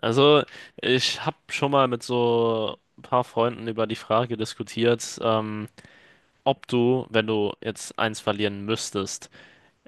Also, ich habe schon mal mit so ein paar Freunden über die Frage diskutiert, ob du, wenn du jetzt eins verlieren müsstest,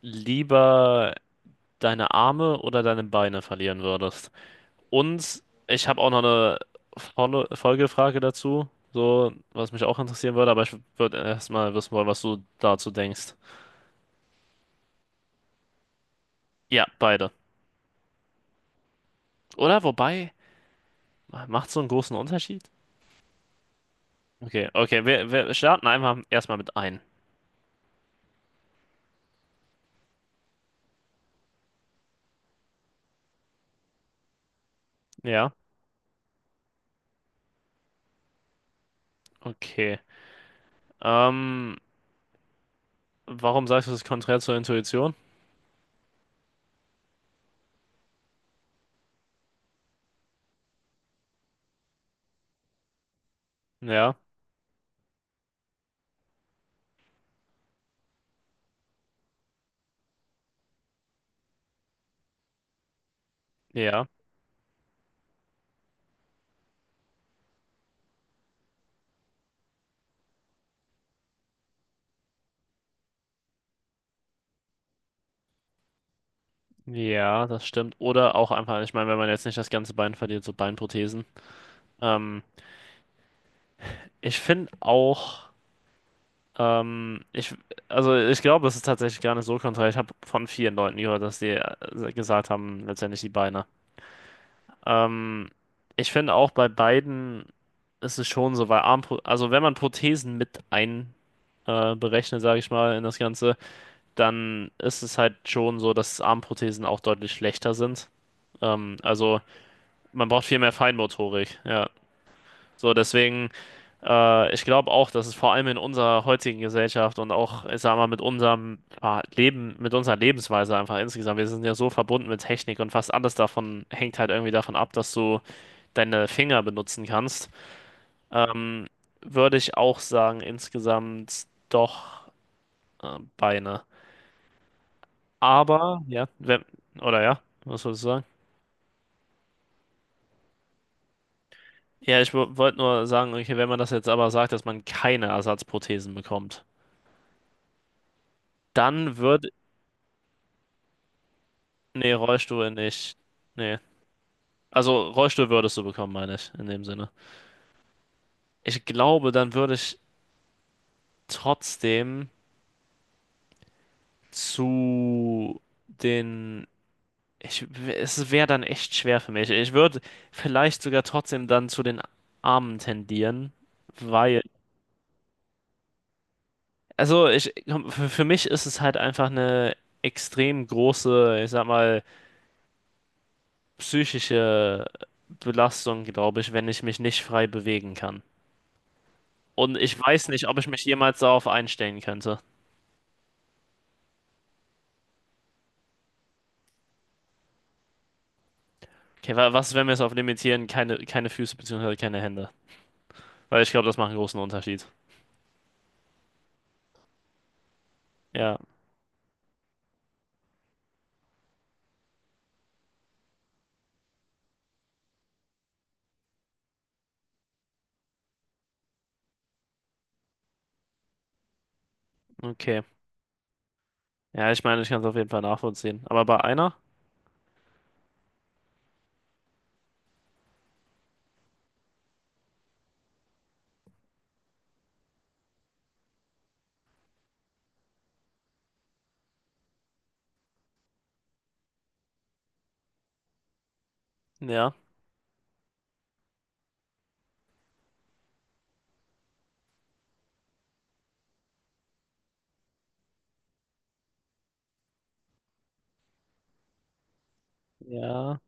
lieber deine Arme oder deine Beine verlieren würdest. Und ich habe auch noch eine Folgefrage dazu, so was mich auch interessieren würde, aber ich würde erstmal wissen wollen, was du dazu denkst. Ja, beide. Oder wobei, macht so einen großen Unterschied? Okay, okay, wir starten einfach erstmal mit ein. Ja, okay. Ähm, warum sagst du das ist konträr zur Intuition? Ja, ja, ja, das stimmt. Oder auch einfach, ich meine, wenn man jetzt nicht das ganze Bein verliert, so Beinprothesen. Ähm, ich finde auch, ich, also ich glaube, das ist tatsächlich gar nicht so konträr. Ich habe von vielen Leuten gehört, dass die gesagt haben, letztendlich die Beine. Ähm, ich finde auch bei beiden ist es schon so, weil Armpro also wenn man Prothesen mit ein berechnet, sage ich mal, in das Ganze. Dann ist es halt schon so, dass Armprothesen auch deutlich schlechter sind. Ähm, also man braucht viel mehr Feinmotorik, ja. So, deswegen, ich glaube auch, dass es vor allem in unserer heutigen Gesellschaft und auch, ich sag mal, mit unserem Leben, mit unserer Lebensweise einfach insgesamt, wir sind ja so verbunden mit Technik und fast alles davon hängt halt irgendwie davon ab, dass du deine Finger benutzen kannst. Ähm, würde ich auch sagen, insgesamt doch Beine. Aber, ja, wenn, oder ja, was soll ich sagen? Ja, ich wollte nur sagen, okay, wenn man das jetzt aber sagt, dass man keine Ersatzprothesen bekommt, dann wird, nee, Rollstuhl nicht, nee. Also Rollstuhl würdest du bekommen, meine ich, in dem Sinne. Ich glaube, dann würde ich trotzdem zu den, ich, es wäre dann echt schwer für mich. Ich würde vielleicht sogar trotzdem dann zu den Armen tendieren, weil also ich, für mich ist es halt einfach eine extrem große, ich sag mal, psychische Belastung, glaube ich, wenn ich mich nicht frei bewegen kann. Und ich weiß nicht, ob ich mich jemals darauf einstellen könnte. Okay, was, wenn wir es auf limitieren? Keine Füße beziehungsweise keine Hände. Weil ich glaube, das macht einen großen Unterschied. Ja, okay. Ja, ich meine, ich kann es auf jeden Fall nachvollziehen. Aber bei einer? Ja. Ja,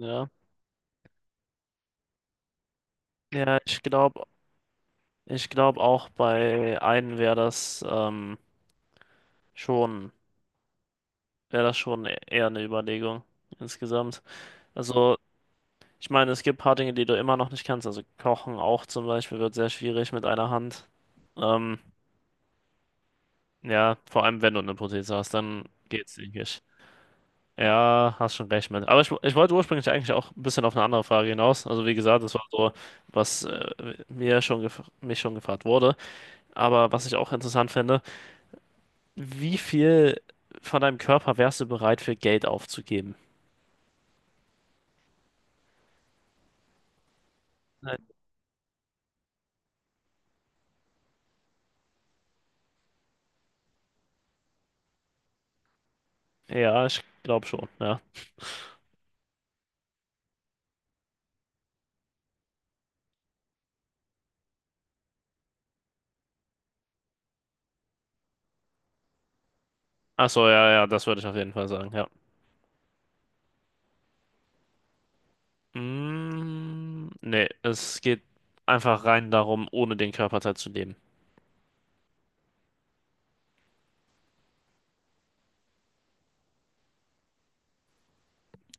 ja. Ja, ich glaube auch bei einem wäre das schon. Wäre das schon eher eine Überlegung insgesamt. Also, ich meine, es gibt ein paar Dinge, die du immer noch nicht kannst. Also Kochen auch zum Beispiel wird sehr schwierig mit einer Hand. Ähm, ja, vor allem wenn du eine Prothese hast, dann geht's, denke ich. Ja, hast schon recht mit. Aber ich wollte ursprünglich eigentlich auch ein bisschen auf eine andere Frage hinaus. Also wie gesagt, das war so, was mir schon gef mich schon gefragt wurde. Aber was ich auch interessant finde, wie viel von deinem Körper wärst du bereit für Geld aufzugeben? Nein. Ja, ich glaube schon, ja. Ach so, ja, ja, das würde ich auf jeden Fall sagen, ja. Mm, nee, es geht einfach rein darum, ohne den Körperteil zu leben.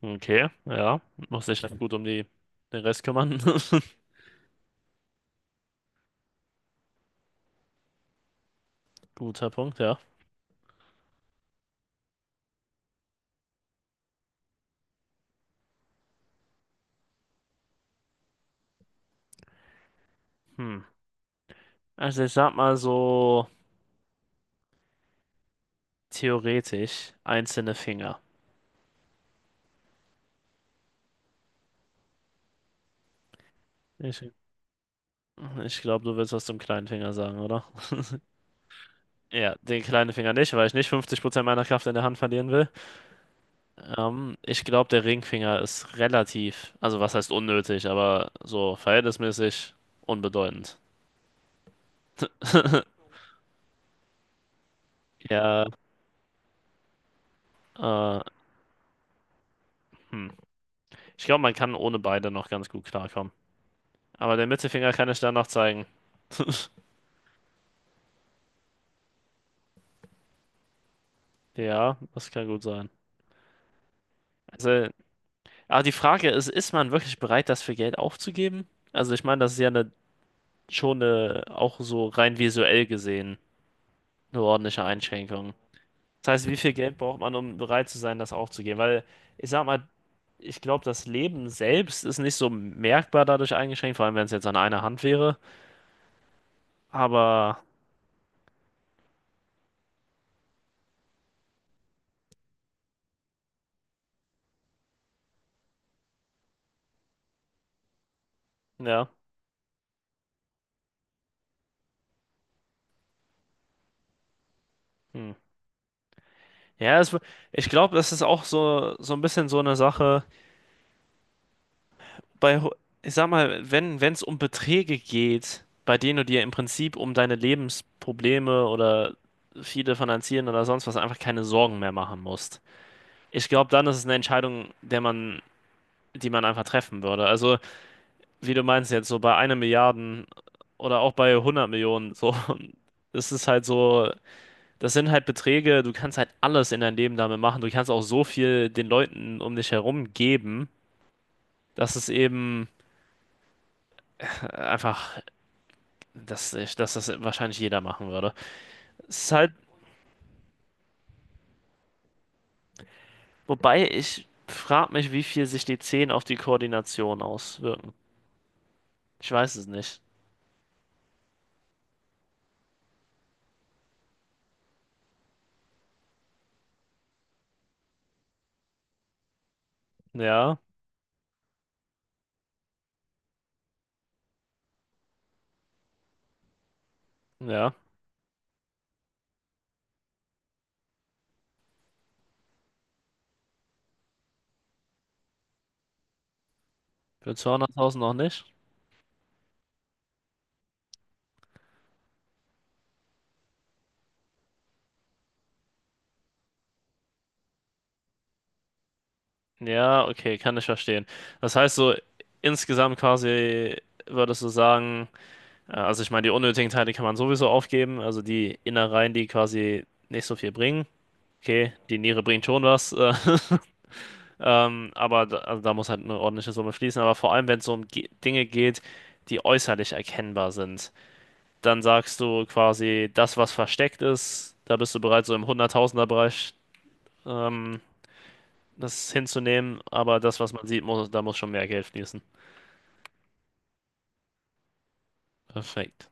Okay, ja. Muss sich dann gut um die, den Rest kümmern. Guter Punkt, ja. Hm. Also ich sag mal so theoretisch einzelne Finger. Ich, ich glaube, du willst was zum kleinen Finger sagen, oder? Ja, den kleinen Finger nicht, weil ich nicht 50% meiner Kraft in der Hand verlieren will. Ich glaube, der Ringfinger ist relativ, also was heißt unnötig, aber so verhältnismäßig unbedeutend. Ja, äh, hm. Ich glaube, man kann ohne beide noch ganz gut klarkommen. Aber der Mittelfinger kann ich dann noch zeigen. Ja, das kann gut sein. Also, aber die Frage ist, ist man wirklich bereit, das für Geld aufzugeben? Also ich meine, das ist ja eine, schon eine, auch so rein visuell gesehen, eine ordentliche Einschränkung. Das heißt, wie viel Geld braucht man, um bereit zu sein, das aufzugeben? Weil, ich sag mal, ich glaube, das Leben selbst ist nicht so merkbar dadurch eingeschränkt, vor allem wenn es jetzt an einer Hand wäre. Aber ja. Hm. Ja, es, ich glaube, das ist auch so, so ein bisschen so eine Sache. Bei, ho- ich sag mal, wenn es um Beträge geht, bei denen du dir im Prinzip um deine Lebensprobleme oder viele finanzieren oder sonst was einfach keine Sorgen mehr machen musst. Ich glaube, dann ist es eine Entscheidung, der man, die man einfach treffen würde. Also wie du meinst jetzt, so bei einer Milliarden oder auch bei 100 Millionen, so, das ist halt so, das sind halt Beträge, du kannst halt alles in deinem Leben damit machen, du kannst auch so viel den Leuten um dich herum geben, dass es eben äh, einfach, dass das wahrscheinlich jeder machen würde. Es ist halt, wobei ich frage mich, wie viel sich die 10 auf die Koordination auswirken. Ich weiß es nicht. Ja, ja, für 200.000 noch nicht. Ja, okay, kann ich verstehen. Das heißt so, insgesamt quasi würdest du sagen, also ich meine, die unnötigen Teile kann man sowieso aufgeben, also die Innereien, die quasi nicht so viel bringen. Okay, die Niere bringt schon was, aber da, also da muss halt eine ordentliche Summe fließen. Aber vor allem, wenn es so um Ge Dinge geht, die äußerlich erkennbar sind, dann sagst du quasi, das, was versteckt ist, da bist du bereit, so im Hunderttausender-Bereich ähm, das hinzunehmen, aber das, was man sieht, da muss schon mehr Geld fließen. Perfekt.